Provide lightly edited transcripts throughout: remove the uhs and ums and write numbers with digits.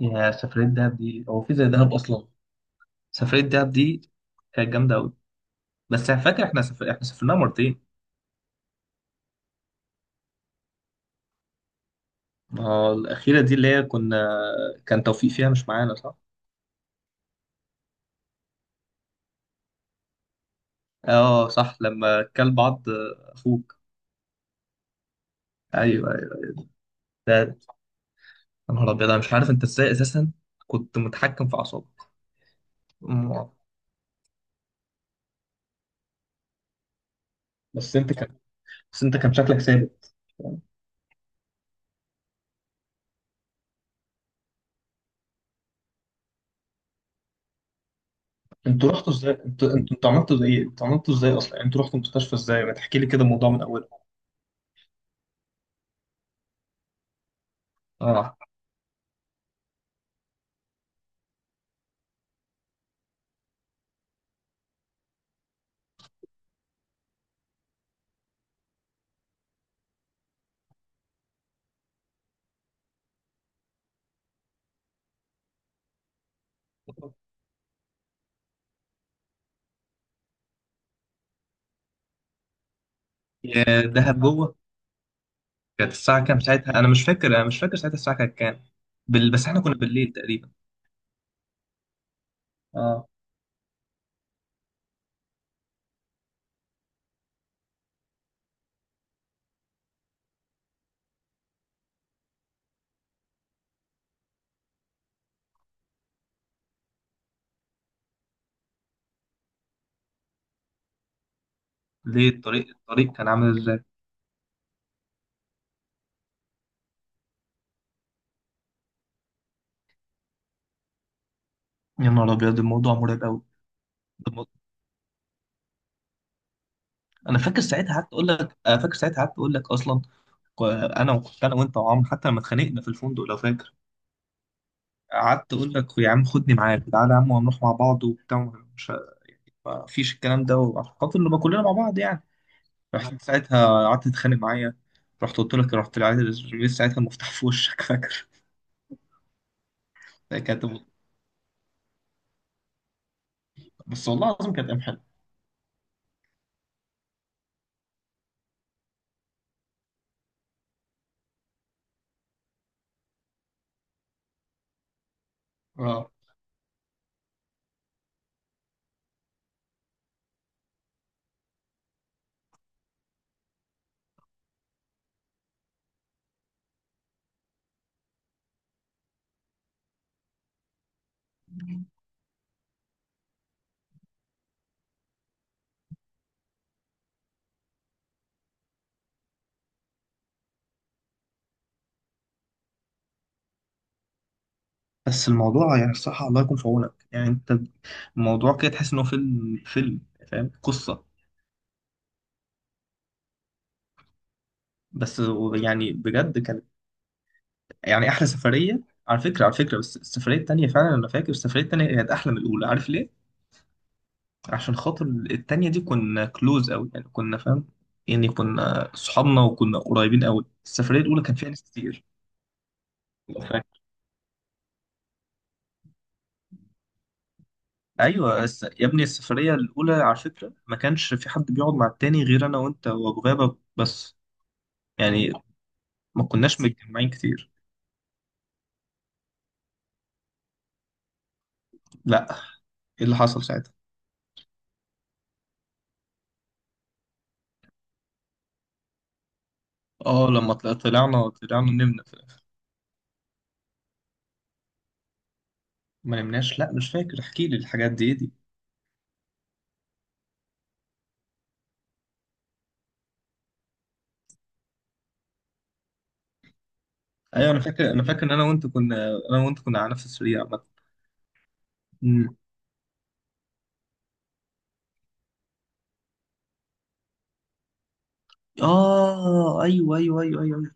يا سفرية دهب دي هو في زي دهب أصلا؟ سفرية دهب دي كانت جامدة أوي. بس أنا فاكر إحنا سافرنا مرتين. ما هو الأخيرة دي اللي هي كنا، كان توفيق فيها مش معانا صح؟ أه صح، لما كل بعض. أخوك. أيوه أيوه. ده يا نهار أبيض، أنا مش عارف أنت إزاي أساسا كنت متحكم في أعصابك. أمم. بس أنت كان بس أنت كان شكلك ثابت. أنتوا رحتوا إزاي؟ أنتوا عملتوا زي إيه؟ أنتوا عملتوا إزاي أصلا؟ يعني أنتوا رحتوا المستشفى إزاي؟ ما تحكي لي كده الموضوع من أوله. أه. يا دهب جوه. كانت الساعة كام ساعتها؟ أنا مش فاكر، أنا مش فاكر ساعتها الساعة كانت كام. بس إحنا كنا بالليل تقريبا. اه. ليه؟ الطريق كان عامل إزاي؟ يا نهار ابيض، الموضوع مرعب قوي. انا فاكر ساعتها قعدت اقول لك اصلا. انا وكنت انا وانت وعمرو، حتى لما اتخانقنا في الفندق لو فاكر. قعدت اقول لك يا عم خدني معاك، تعالى يا عم وهنروح مع بعض وبتاع، مش، ما فيش الكلام ده، وعشان خاطر نبقى كلنا مع بعض يعني. رحت ساعتها قعدت تتخانق معايا. رحت قلت لك، رحت لعايز ساعتها المفتاح في وشك فاكر. كانت، بس والله العظيم كانت ايام حلوه. اه. بس الموضوع يعني الصراحة الله يكون في عونك يعني انت. الموضوع كده تحس ان هو فيلم، فاهم قصة. بس يعني بجد كانت، يعني احلى سفرية. على فكرة، بس السفرية التانية فعلا، انا فاكر السفرية التانية كانت احلى من الاولى، عارف ليه؟ عشان خاطر التانية دي كنا كلوز قوي يعني، كنا فاهم يعني، كنا صحابنا وكنا قريبين قوي. السفرية الاولى كان فيها ناس كتير لو فاكر. ايوه، يا ابني السفرية الاولى على فكرة ما كانش في حد بيقعد مع التاني غير انا وانت وابو غابة بس، يعني ما كناش متجمعين كتير. لا. ايه اللي حصل ساعتها؟ اه، لما طلعنا، طلعنا نمنا في الاخر. ما نمناش، لا، مش فاكر، احكي لي الحاجات دي إيه دي. ايوه انا فاكر، ان انا وانت كنا على نفس السرير عامه. أمم. اه، ايوه ايوه ايوه ايوه أيوة.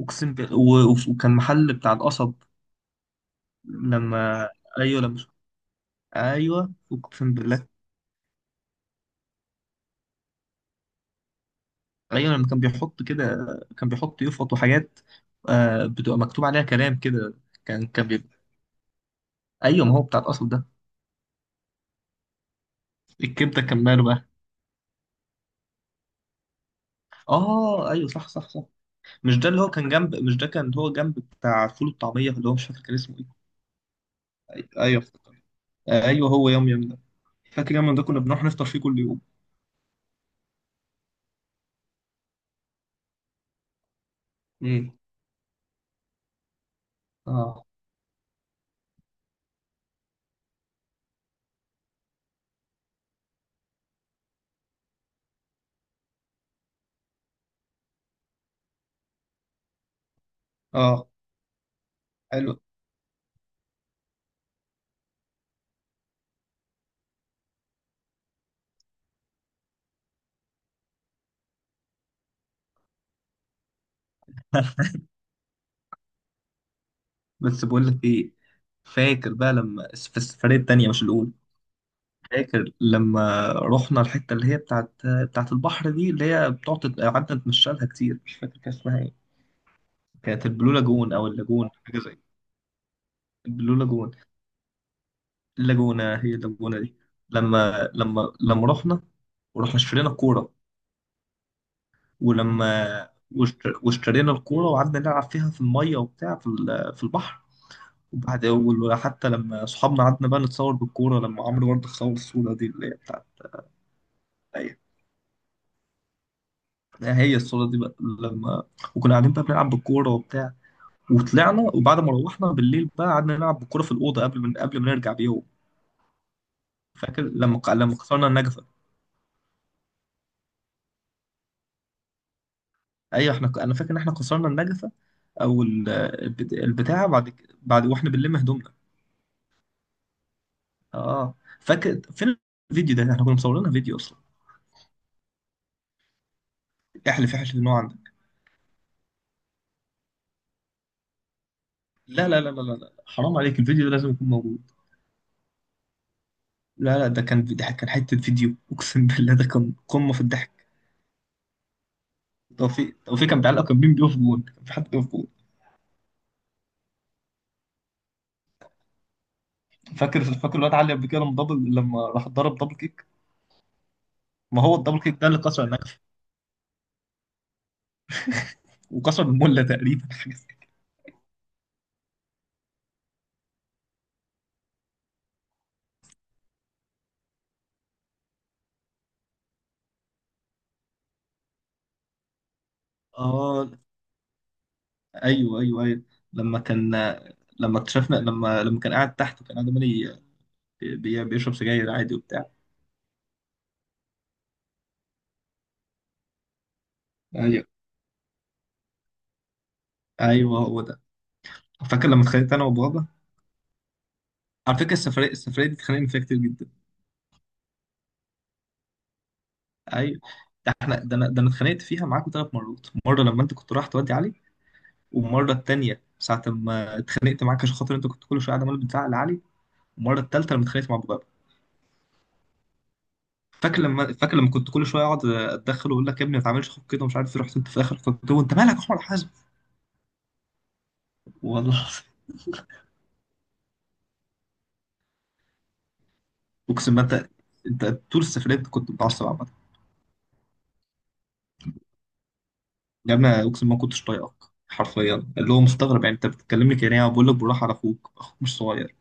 اقسم بالله وكان محل بتاع القصب لما. ايوه لما. ايوه اقسم بالله. ايوه لما كان بيحط كده، كان بيحط يفط وحاجات. آه، بتبقى مكتوب عليها كلام كده. كان كان بيبقى. ايوه ما هو بتاع القصب ده. الكبده كان ماله بقى؟ اه ايوه صح صح صح. مش ده اللي هو كان جنب، مش ده كان هو جنب بتاع فول والطعميه، اللي هو مش فاكر كان اسمه ايه. ايوه افتكرت. ايوه، هو يوم يوم ده. فاكر يوم ده كنا بنروح نفطر فيه كل يوم؟ امم. اه اه حلو. بس بقول لك ايه. فاكر بقى لما في السفريه التانيه مش الاولى؟ فاكر لما رحنا الحته اللي هي بتاعت البحر دي، اللي هي بتقعد قعدنا نتمشى لها كتير، مش فاكر كان اسمها ايه. كانت البلو لاجون او اللاجون حاجه زي البلو لاجون. اللاجونة، هي اللاجونة دي. لما ورحنا اشترينا الكورة، ولما واشترينا الكورة وقعدنا نلعب فيها في المية وبتاع، في في البحر. وحتى لما صحابنا قعدنا بقى نتصور بالكورة، لما عمرو برضه صور الصورة دي اللي هي بتاعت. هي هي الصورة دي بقى لما وكنا قاعدين بقى بنلعب بالكورة وبتاع، وطلعنا وبعد ما روحنا بالليل بقى قعدنا نلعب بالكورة في الأوضة، من قبل ما نرجع بيوم. فاكر لما لما كسرنا النجف؟ ايوه احنا انا فاكر ان احنا كسرنا النجفه، او البتاعه، بعد واحنا بنلم هدومنا. اه فاكر فين؟ الفيديو ده احنا كنا مصورينها فيديو اصلا. احلف ان هو عندك. لا لا لا لا لا لا. حرام عليك، الفيديو ده لازم يكون موجود. لا لا، ده كان حته فيديو اقسم بالله، ده كان قمه في الضحك. توفيق كان بيعلق، كان مين بيقف جون؟ كان في حد بيقف جون. فاكر الواد علي قبل كده لما دبل، لما راح ضرب دبل كيك. ما هو الدبل كيك ده اللي كسر النجفه، وكسر المله تقريبا، حاجه كده. اه ايوه ايوه ايوه، لما كان، لما اكتشفنا لما لما كان قاعد تحت، كان قاعد عمال بيشرب سجاير عادي وبتاع. ايوه ايوه هو ده. فاكر لما اتخانقت انا وبابا؟ على فكره السفريه دي اتخانقنا فيها كتير جدا. ايوه ده احنا، ده انا اتخانقت فيها معاكم ثلاث مرات. مره لما انت كنت رايح تودي علي، والمره الثانيه ساعه ما اتخانقت معاك عشان خاطر انت كنت كل شويه قاعد عمال بتزعق لعلي، والمره الثالثه لما اتخانقت مع بابا. فاكر لما كنت كل شويه اقعد اتدخل واقول لك يا ابني ما تعملش اخوك كده ومش عارف إيه، رحت انت في الاخر فقلت له انت مالك يا احمد حازم. والله. اقسم بالله انت طول السفريه انت كنت متعصب عامه. يا ابني اقسم ما كنتش طايقك حرفيا، اللي هو مستغرب يعني انت بتكلمني كده، يعني بقول لك بالراحه على اخوك، اخوك مش صغير.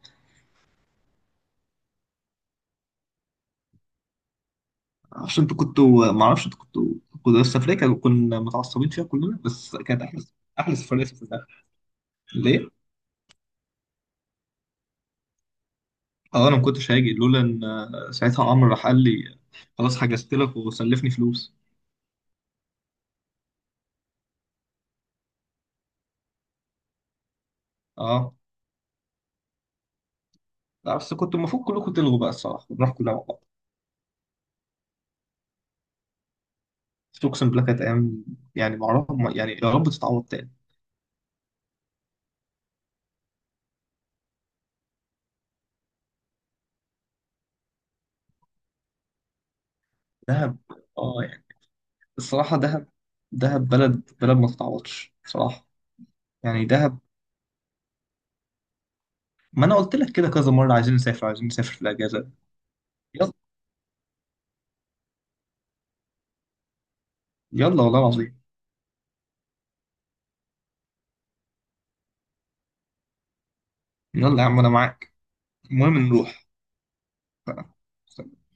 عشان انتوا كنتوا ما اعرفش انتوا كنتوا كنت السفريه، كنا متعصبين فيها كلنا بس كانت احلى سفريه سافرناها. ليه؟ اه، انا ما كنتش هاجي لولا ان، ساعتها عمرو راح قال لي خلاص حجزت لك وسلفني فلوس. اه، لا، بس كنت المفروض كلكم تلغوا بقى الصراحه ونروح كلنا مع بعض. بس اقسم بالله كانت ايام، يعني ما اعرف يعني، يا رب تتعوض تاني دهب. اه، الصراحة دهب، بلد ما تتعوضش بصراحة، يعني دهب. ما أنا قلت لك كده كذا مرة، عايزين نسافر، عايزين نسافر في الأجازة. يلا، يلا والله العظيم. يلا يا عم أنا معاك. المهم نروح بقى.